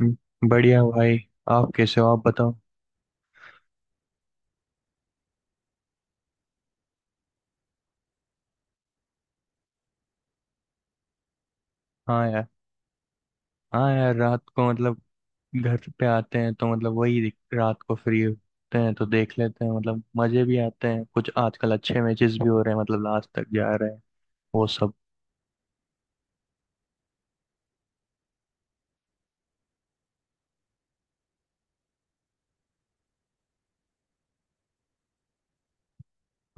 बढ़िया भाई। आप कैसे हो? आप बताओ। हाँ यार। हाँ यार, रात को मतलब घर पे आते हैं तो मतलब वही रात को फ्री होते हैं तो देख लेते हैं, मतलब मजे भी आते हैं। कुछ आजकल अच्छे मैचेस भी हो रहे हैं, मतलब लास्ट तक जा रहे हैं वो सब।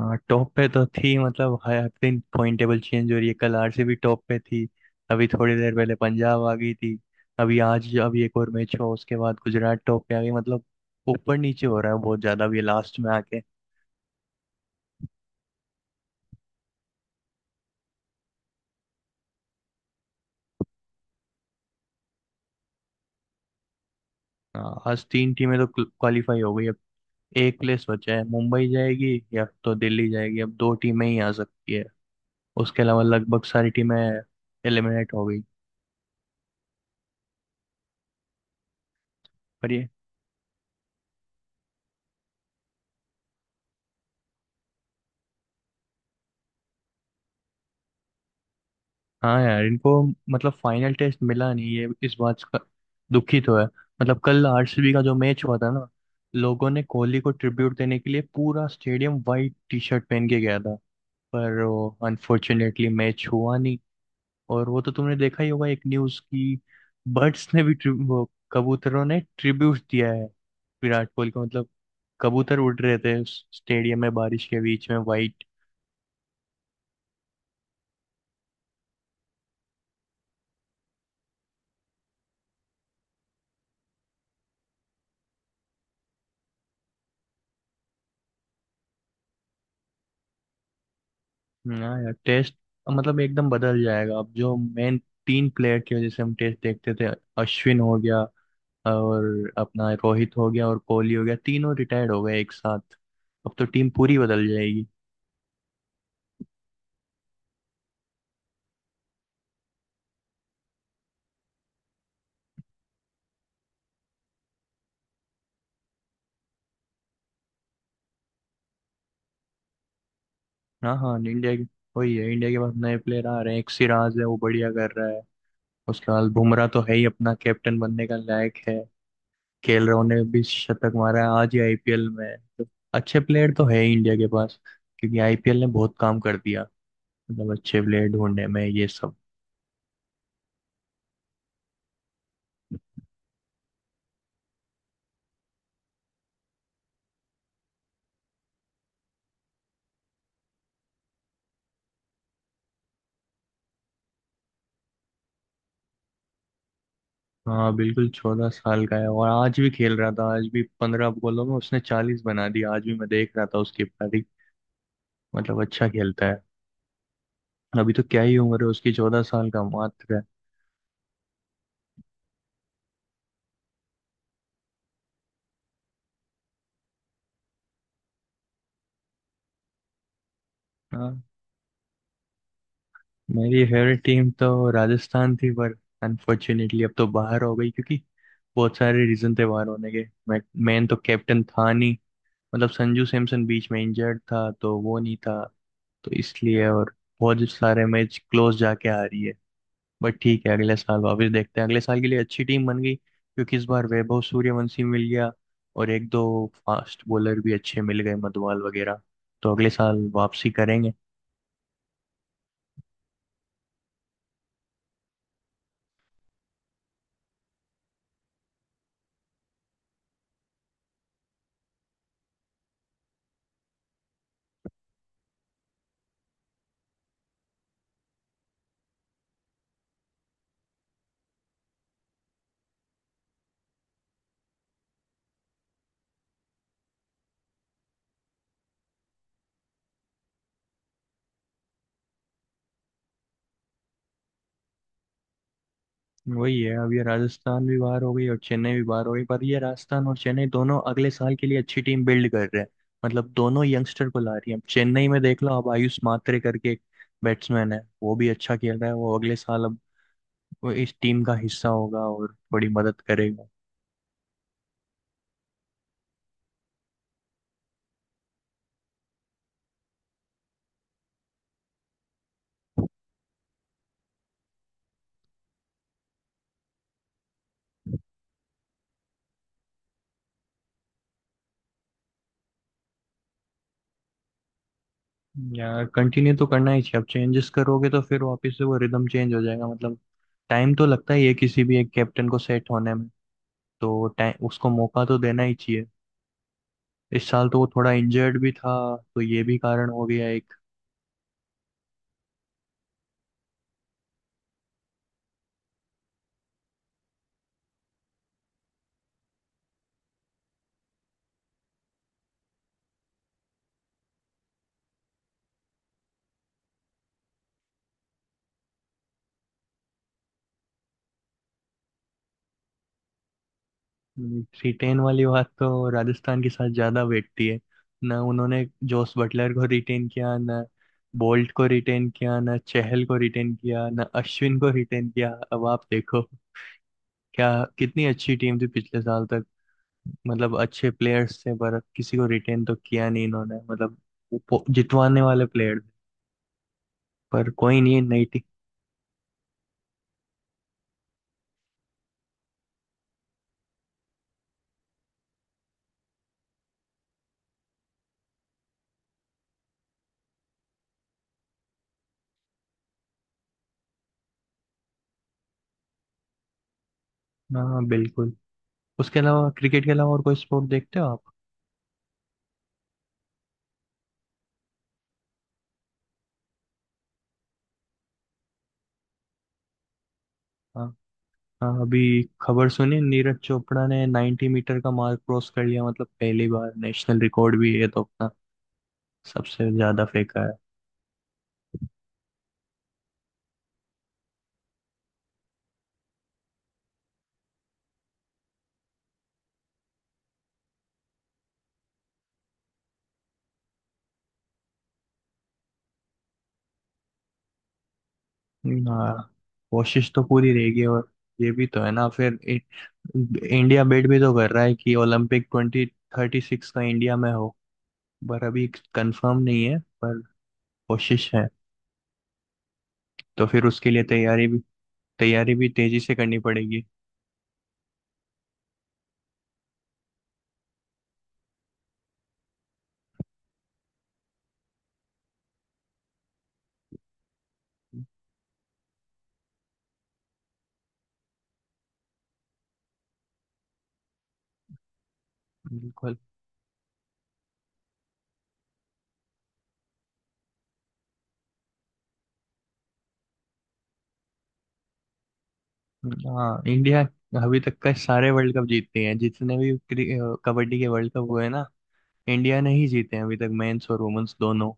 हाँ, टॉप पे तो थी। मतलब हर दिन पॉइंट टेबल चेंज हो रही है। कल आरसीबी टॉप पे थी, अभी थोड़ी देर पहले पंजाब आ गई थी। अभी आज अभी एक और मैच हुआ उसके बाद गुजरात टॉप पे आ गई। मतलब ऊपर नीचे हो रहा है बहुत ज्यादा अभी लास्ट में आके। हाँ, आज तीन टीमें तो क्वालिफाई हो गई। अब एक प्लेस बचा है, मुंबई जाएगी या तो दिल्ली जाएगी। अब दो टीमें ही आ सकती है, उसके अलावा लगभग सारी टीमें एलिमिनेट हो गई। पर ये, हाँ यार, इनको मतलब फाइनल टेस्ट मिला नहीं, ये इस बात का दुखी तो है। मतलब कल आरसीबी का जो मैच हुआ था ना, लोगों ने कोहली को ट्रिब्यूट देने के लिए पूरा स्टेडियम वाइट टी शर्ट पहन के गया था, पर वो अनफॉर्चुनेटली मैच हुआ नहीं। और वो तो तुमने देखा ही होगा एक न्यूज की, बर्ड्स ने भी ट्रि- वो कबूतरों ने ट्रिब्यूट दिया है विराट कोहली को। मतलब कबूतर उड़ रहे थे उस स्टेडियम में बारिश के बीच में वाइट। ना यार, टेस्ट मतलब एकदम बदल जाएगा अब। जो मेन तीन प्लेयर की वजह से हम टेस्ट देखते थे, अश्विन हो गया और अपना रोहित हो गया और कोहली हो गया, तीनों रिटायर्ड हो गए एक साथ। अब तो टीम पूरी बदल जाएगी। हाँ हाँ, इंडिया की वही है। इंडिया के पास नए प्लेयर आ रहे हैं। एक सिराज है वो बढ़िया कर रहा है, खुशहाल बुमराह तो है ही अपना, कैप्टन बनने का लायक है। केएल राहुल ने भी शतक मारा है आज ही आईपीएल में तो। अच्छे प्लेयर तो है ही इंडिया के पास, क्योंकि आईपीएल ने बहुत काम कर दिया, मतलब अच्छे प्लेयर ढूंढने में ये सब। हाँ बिल्कुल, 14 साल का है और आज भी खेल रहा था। आज भी 15 बॉलों में उसने 40 बना दिया। आज भी मैं देख रहा था उसकी पारी, मतलब अच्छा खेलता है। अभी तो क्या ही उम्र है उसकी, 14 साल का मात्र है। हाँ, मेरी फेवरेट टीम तो राजस्थान थी पर अनफॉर्चुनेटली अब तो बाहर हो गई, क्योंकि बहुत सारे रीजन थे बाहर होने के। मैं, मेन तो कैप्टन था नहीं, मतलब संजू सैमसन बीच में इंजर्ड था तो वो नहीं था तो इसलिए। और बहुत सारे मैच क्लोज जाके आ रही है। बट ठीक है, अगले साल वापस देखते हैं। अगले साल के लिए अच्छी टीम बन गई, क्योंकि इस बार वैभव सूर्यवंशी मिल गया और एक दो फास्ट बॉलर भी अच्छे मिल गए मधवाल वगैरह। तो अगले साल वापसी करेंगे। वही है, अब ये राजस्थान भी बाहर हो गई और चेन्नई भी बाहर हो गई। पर ये राजस्थान और चेन्नई दोनों अगले साल के लिए अच्छी टीम बिल्ड कर रहे हैं। मतलब दोनों यंगस्टर को ला रही है। अब चेन्नई में देख लो, अब आयुष मात्रे करके एक बैट्समैन है वो भी अच्छा खेल रहा है। वो अगले साल अब वो इस टीम का हिस्सा होगा और बड़ी मदद करेगा। यार कंटिन्यू तो करना ही चाहिए। अब चेंजेस करोगे तो फिर वापस से वो रिदम चेंज हो जाएगा। मतलब टाइम तो लगता ही है किसी भी एक कैप्टन को सेट होने में। तो टाइम उसको मौका तो देना ही चाहिए। इस साल तो वो थोड़ा इंजर्ड भी था, तो ये भी कारण हो गया एक। थ्री टेन वाली बात तो राजस्थान के साथ ज्यादा बैठती है ना। उन्होंने जोस बटलर को रिटेन किया ना, बोल्ट को रिटेन किया ना, चहल को रिटेन किया ना, अश्विन को रिटेन किया। अब आप देखो क्या, कितनी अच्छी टीम थी पिछले साल तक। मतलब अच्छे प्लेयर्स थे, पर किसी को रिटेन तो किया नहीं इन्होंने, मतलब वो जितवाने वाले प्लेयर थे। पर कोई नहीं, नई टीम। हाँ बिल्कुल। उसके अलावा क्रिकेट के अलावा और कोई स्पोर्ट देखते हो आप? हाँ। हाँ अभी खबर सुनी, नीरज चोपड़ा ने 90 मीटर का मार्क क्रॉस कर लिया, मतलब पहली बार। नेशनल रिकॉर्ड भी है तो अपना, सबसे ज्यादा फेंका है। हाँ, कोशिश तो पूरी रहेगी। और ये भी तो है ना, फिर इंडिया बेट भी तो कर रहा है कि ओलंपिक 2036 का इंडिया में हो। पर अभी कंफर्म नहीं है, पर कोशिश है। तो फिर उसके लिए तैयारी भी तेजी से करनी पड़ेगी। बिल्कुल। हाँ इंडिया अभी तक का सारे वर्ल्ड कप जीतती है। जितने भी कबड्डी के वर्ल्ड कप हुए हैं ना, इंडिया ने ही जीते हैं अभी तक, मेंस और वुमेन्स दोनों।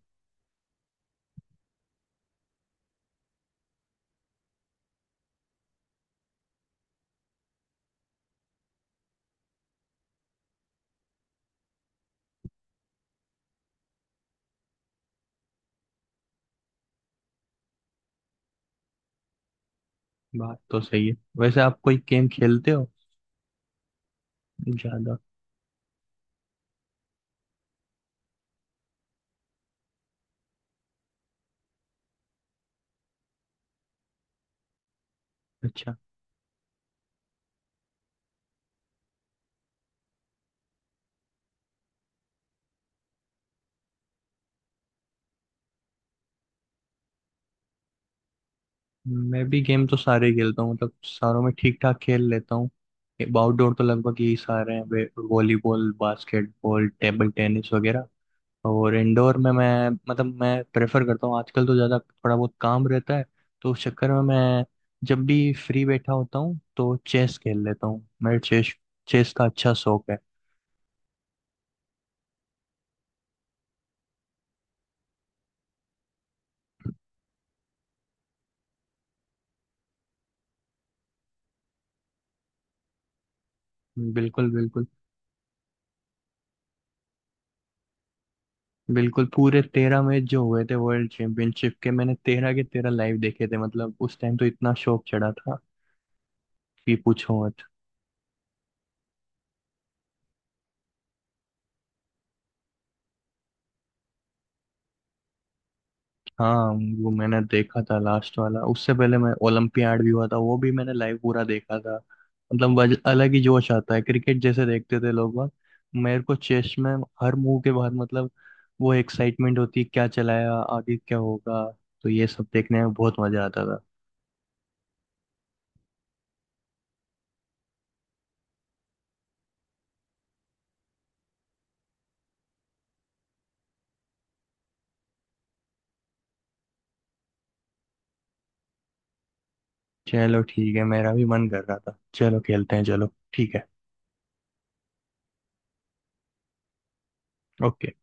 बात तो सही है। वैसे आप कोई गेम खेलते हो? ज्यादा अच्छा। मैं भी गेम तो सारे ही खेलता हूँ, मतलब सारों में ठीक ठाक खेल लेता हूँ। आउटडोर तो लगभग यही सारे हैं, वॉलीबॉल, बास्केटबॉल, टेबल टेनिस वगैरह। और इंडोर में मैं, मतलब मैं प्रेफर करता हूँ आजकल तो, ज़्यादा थोड़ा बहुत काम रहता है तो उस चक्कर में मैं जब भी फ्री बैठा होता हूँ तो चेस खेल लेता हूँ। मेरे चेस चेस का अच्छा शौक है। बिल्कुल बिल्कुल। बिल्कुल, पूरे 13 मैच जो हुए थे वर्ल्ड चैंपियनशिप के, मैंने 13 के 13 लाइव देखे थे। मतलब उस टाइम तो इतना शौक चढ़ा था कि पूछो। हाँ, वो मैंने देखा था लास्ट वाला। उससे पहले मैं ओलंपियाड भी हुआ था, वो भी मैंने लाइव पूरा देखा था। मतलब अलग ही जोश आता है। क्रिकेट जैसे देखते थे लोग बाग, मेरे को चेस में हर मूव के बाद, मतलब वो एक्साइटमेंट होती है, क्या चलाया, आगे क्या होगा। तो ये सब देखने में बहुत मजा आता था। चलो ठीक है, मेरा भी मन कर रहा था, चलो खेलते हैं। चलो ठीक है। ओके।